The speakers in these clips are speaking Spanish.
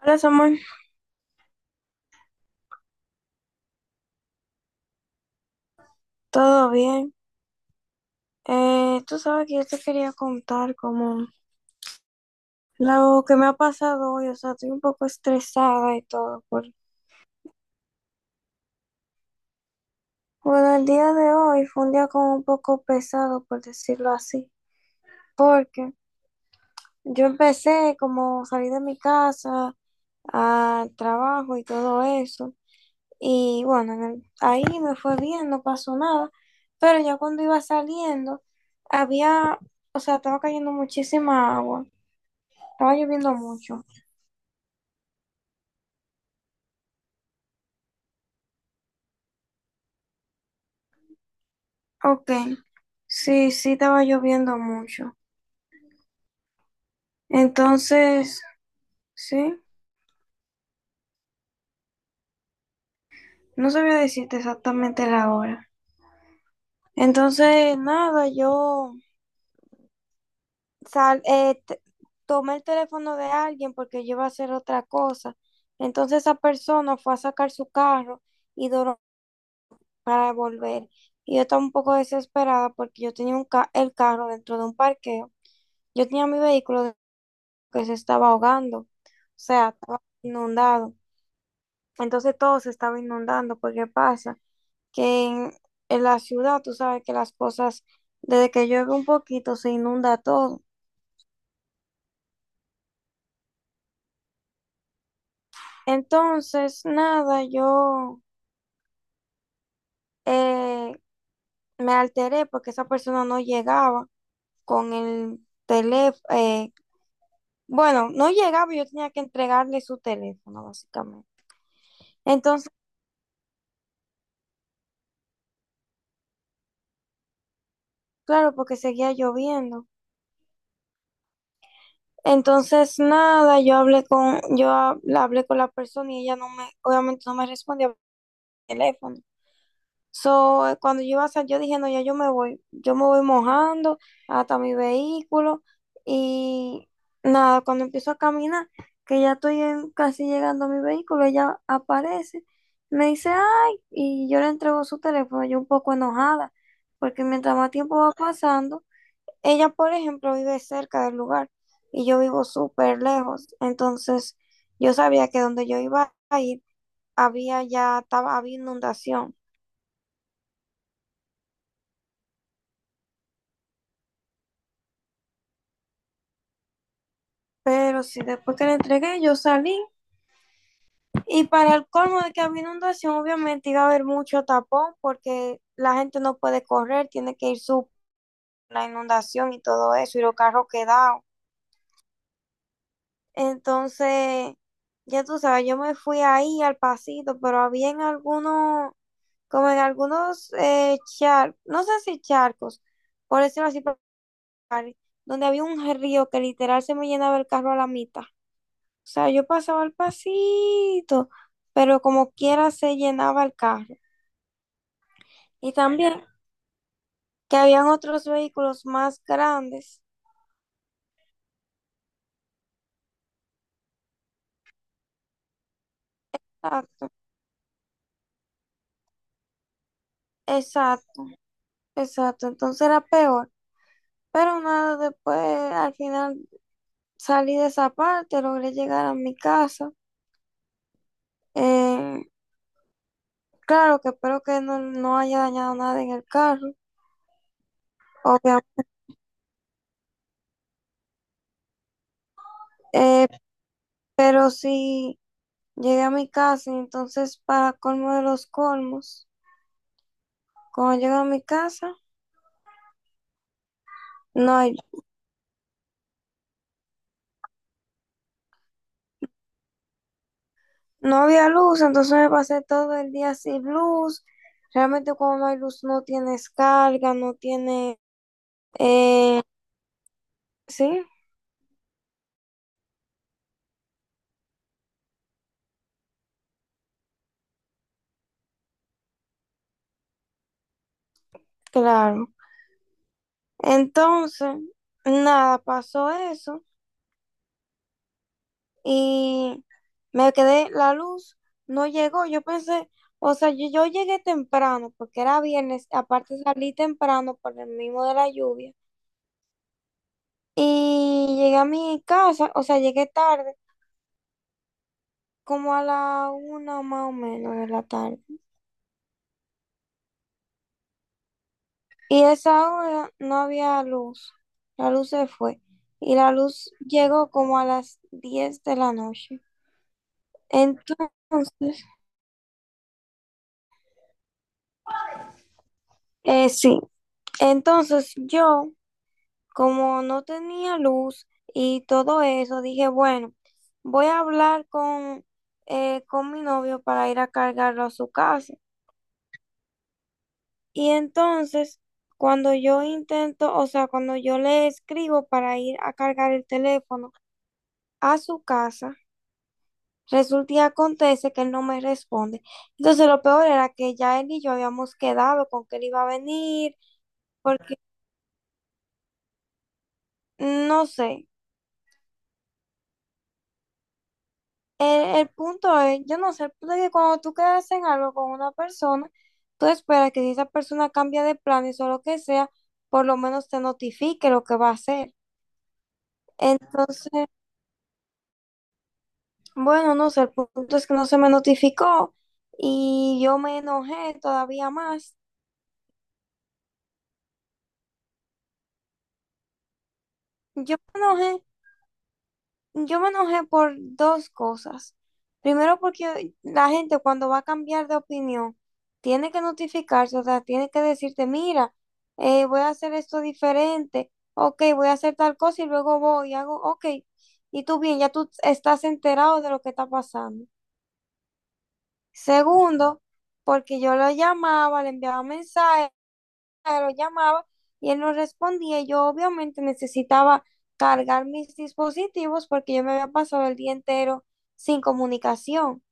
Hola Samuel, ¿todo bien? Tú sabes que yo te quería contar como lo que me ha pasado hoy, o sea, estoy un poco estresada y todo. Bueno, el día de hoy fue un día como un poco pesado, por decirlo así, porque yo empecé como salí de mi casa al trabajo y todo eso, y bueno, ahí me fue bien, no pasó nada, pero ya cuando iba saliendo, había, o sea, estaba cayendo muchísima agua. Estaba lloviendo mucho. Ok. Sí, sí, estaba lloviendo mucho. Entonces, sí, no sabía decirte exactamente la hora. Entonces, nada, yo sal, eh, t- tomé el teléfono de alguien porque yo iba a hacer otra cosa. Entonces, esa persona fue a sacar su carro y duró para volver. Y yo estaba un poco desesperada porque yo tenía el carro dentro de un parqueo. Yo tenía mi vehículo que se estaba ahogando, o sea, estaba inundado. Entonces todo se estaba inundando, porque pasa que en la ciudad tú sabes que las cosas, desde que llueve un poquito, se inunda todo. Entonces, nada, yo eh, me alteré porque esa persona no llegaba con el teléfono. Bueno, no llegaba, y yo tenía que entregarle su teléfono, básicamente. Entonces, claro, porque seguía lloviendo. Entonces, nada, yo hablé con la persona y ella no me, obviamente no me respondía teléfono. So, cuando yo iba a salir, yo dije, no, ya yo me voy mojando hasta mi vehículo y nada, cuando empiezo a caminar, que ya estoy casi llegando a mi vehículo, ella aparece, me dice, ay, y yo le entrego su teléfono, yo un poco enojada, porque mientras más tiempo va pasando, ella, por ejemplo, vive cerca del lugar y yo vivo súper lejos, entonces yo sabía que donde yo iba a ir, había inundación. Pero sí, después que le entregué, yo salí y para el colmo de que había inundación, obviamente iba a haber mucho tapón porque la gente no puede correr, tiene que ir su la inundación y todo eso y los carros quedados. Entonces, ya tú sabes, yo me fui ahí al pasito, pero había en algunos, como en algunos charcos, no sé si charcos, por decirlo así, donde había un río que literal se me llenaba el carro a la mitad. O sea, yo pasaba al pasito, pero como quiera se llenaba el carro. Y también que habían otros vehículos más grandes. Exacto, exacto, exacto. Entonces era peor. Pero nada, después al final salí de esa parte, logré llegar a mi casa. Eh, claro que espero que no haya dañado nada en el carro, obviamente. Eh, pero sí llegué a mi casa, y entonces para colmo de los colmos, cuando llego a mi casa, no hay no había luz, entonces me pasé todo el día sin luz. Realmente cuando no hay luz no tienes carga, no tiene... eh, sí, claro. Entonces, nada, pasó eso y me quedé, la luz no llegó. Yo pensé, o sea, yo llegué temprano porque era viernes, aparte salí temprano por el mismo de la lluvia. Y llegué a mi casa, o sea, llegué tarde, como a la una más o menos de la tarde. Y esa hora no había luz, la luz se fue y la luz llegó como a las 10 de la noche. Entonces, sí, entonces yo, como no tenía luz y todo eso, dije, bueno, voy a hablar con mi novio para ir a cargarlo a su casa. Y entonces, cuando yo intento, o sea, cuando yo le escribo para ir a cargar el teléfono a su casa, resulta y acontece que él no me responde. Entonces lo peor era que ya él y yo habíamos quedado con que él iba a venir, porque no sé, el punto es, yo no sé, el punto es que cuando tú quedas en algo con una persona, tú esperas que si esa persona cambia de planes o lo que sea, por lo menos te notifique lo que va a hacer. Entonces, bueno, no sé, el punto es que no se me notificó y yo me enojé todavía más. Yo me enojé Yo me enojé por dos cosas. Primero, porque la gente cuando va a cambiar de opinión tiene que notificarse, o sea, tiene que decirte, mira, voy a hacer esto diferente, ok, voy a hacer tal cosa y luego voy y hago, ok, y tú bien, ya tú estás enterado de lo que está pasando. Segundo, porque yo lo llamaba, le enviaba mensajes, lo llamaba y él no respondía. Yo obviamente necesitaba cargar mis dispositivos porque yo me había pasado el día entero sin comunicación,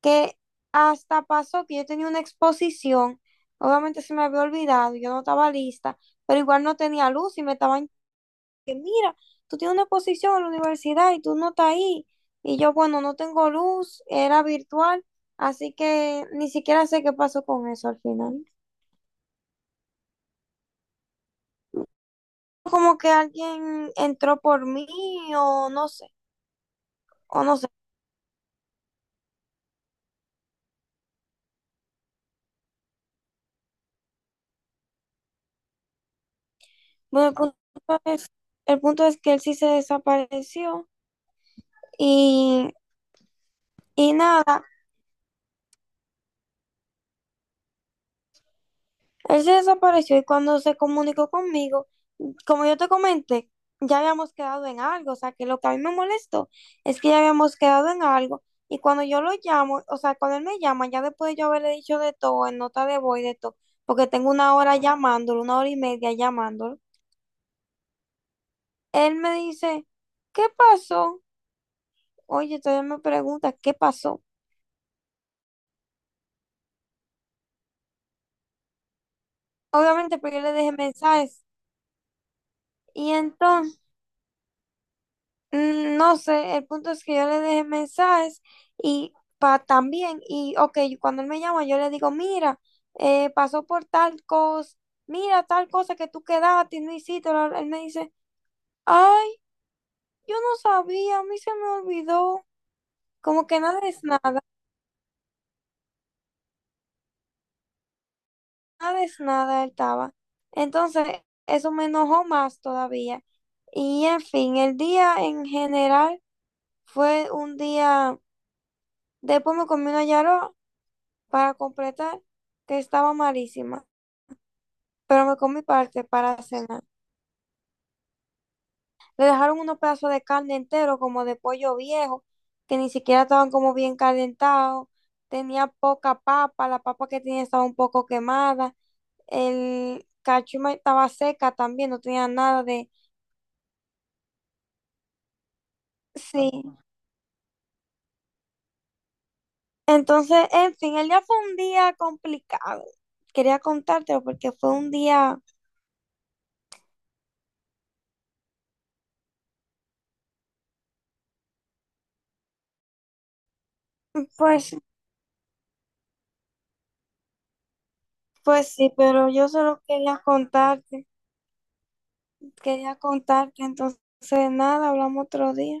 que hasta pasó que yo tenía una exposición, obviamente se me había olvidado, yo no estaba lista, pero igual no tenía luz y me estaban que mira, tú tienes una exposición en la universidad y tú no estás ahí. Y yo, bueno, no tengo luz, era virtual, así que ni siquiera sé qué pasó con eso al final. Como que alguien entró por mí o no sé, o no sé. Bueno, es, el punto es que él sí se desapareció y, y nada, él se desapareció y cuando se comunicó conmigo, como yo te comenté, ya habíamos quedado en algo, o sea, que lo que a mí me molestó es que ya habíamos quedado en algo y cuando yo lo llamo, o sea, cuando él me llama, ya después de yo haberle dicho de todo, en nota de voz y de todo, porque tengo una hora llamándolo, una hora y media llamándolo. Él me dice, ¿qué pasó? Oye, todavía me pregunta, ¿qué pasó? Obviamente, pues yo le dejé mensajes. Y entonces, no sé, el punto es que yo le dejé mensajes y pa también, y ok, cuando él me llama, yo le digo, mira, pasó por tal cosa, mira tal cosa que tú quedaste y no hiciste. Bla, bla. Él me dice, ay, yo no sabía, a mí se me olvidó. Como que nada es nada, nada es nada, él estaba. Entonces, eso me enojó más todavía. Y en fin, el día en general fue un día, después me comí una yaró para completar, que estaba malísima, pero me comí parte para cenar. Le dejaron unos pedazos de carne entero, como de pollo viejo, que ni siquiera estaban como bien calentados, tenía poca papa, la papa que tenía estaba un poco quemada, el cachuma estaba seca también, no tenía nada de... Sí, entonces, en fin, el día fue un día complicado. Quería contártelo porque fue un día, pues, pues sí, pero yo solo quería contarte, entonces nada, hablamos otro día.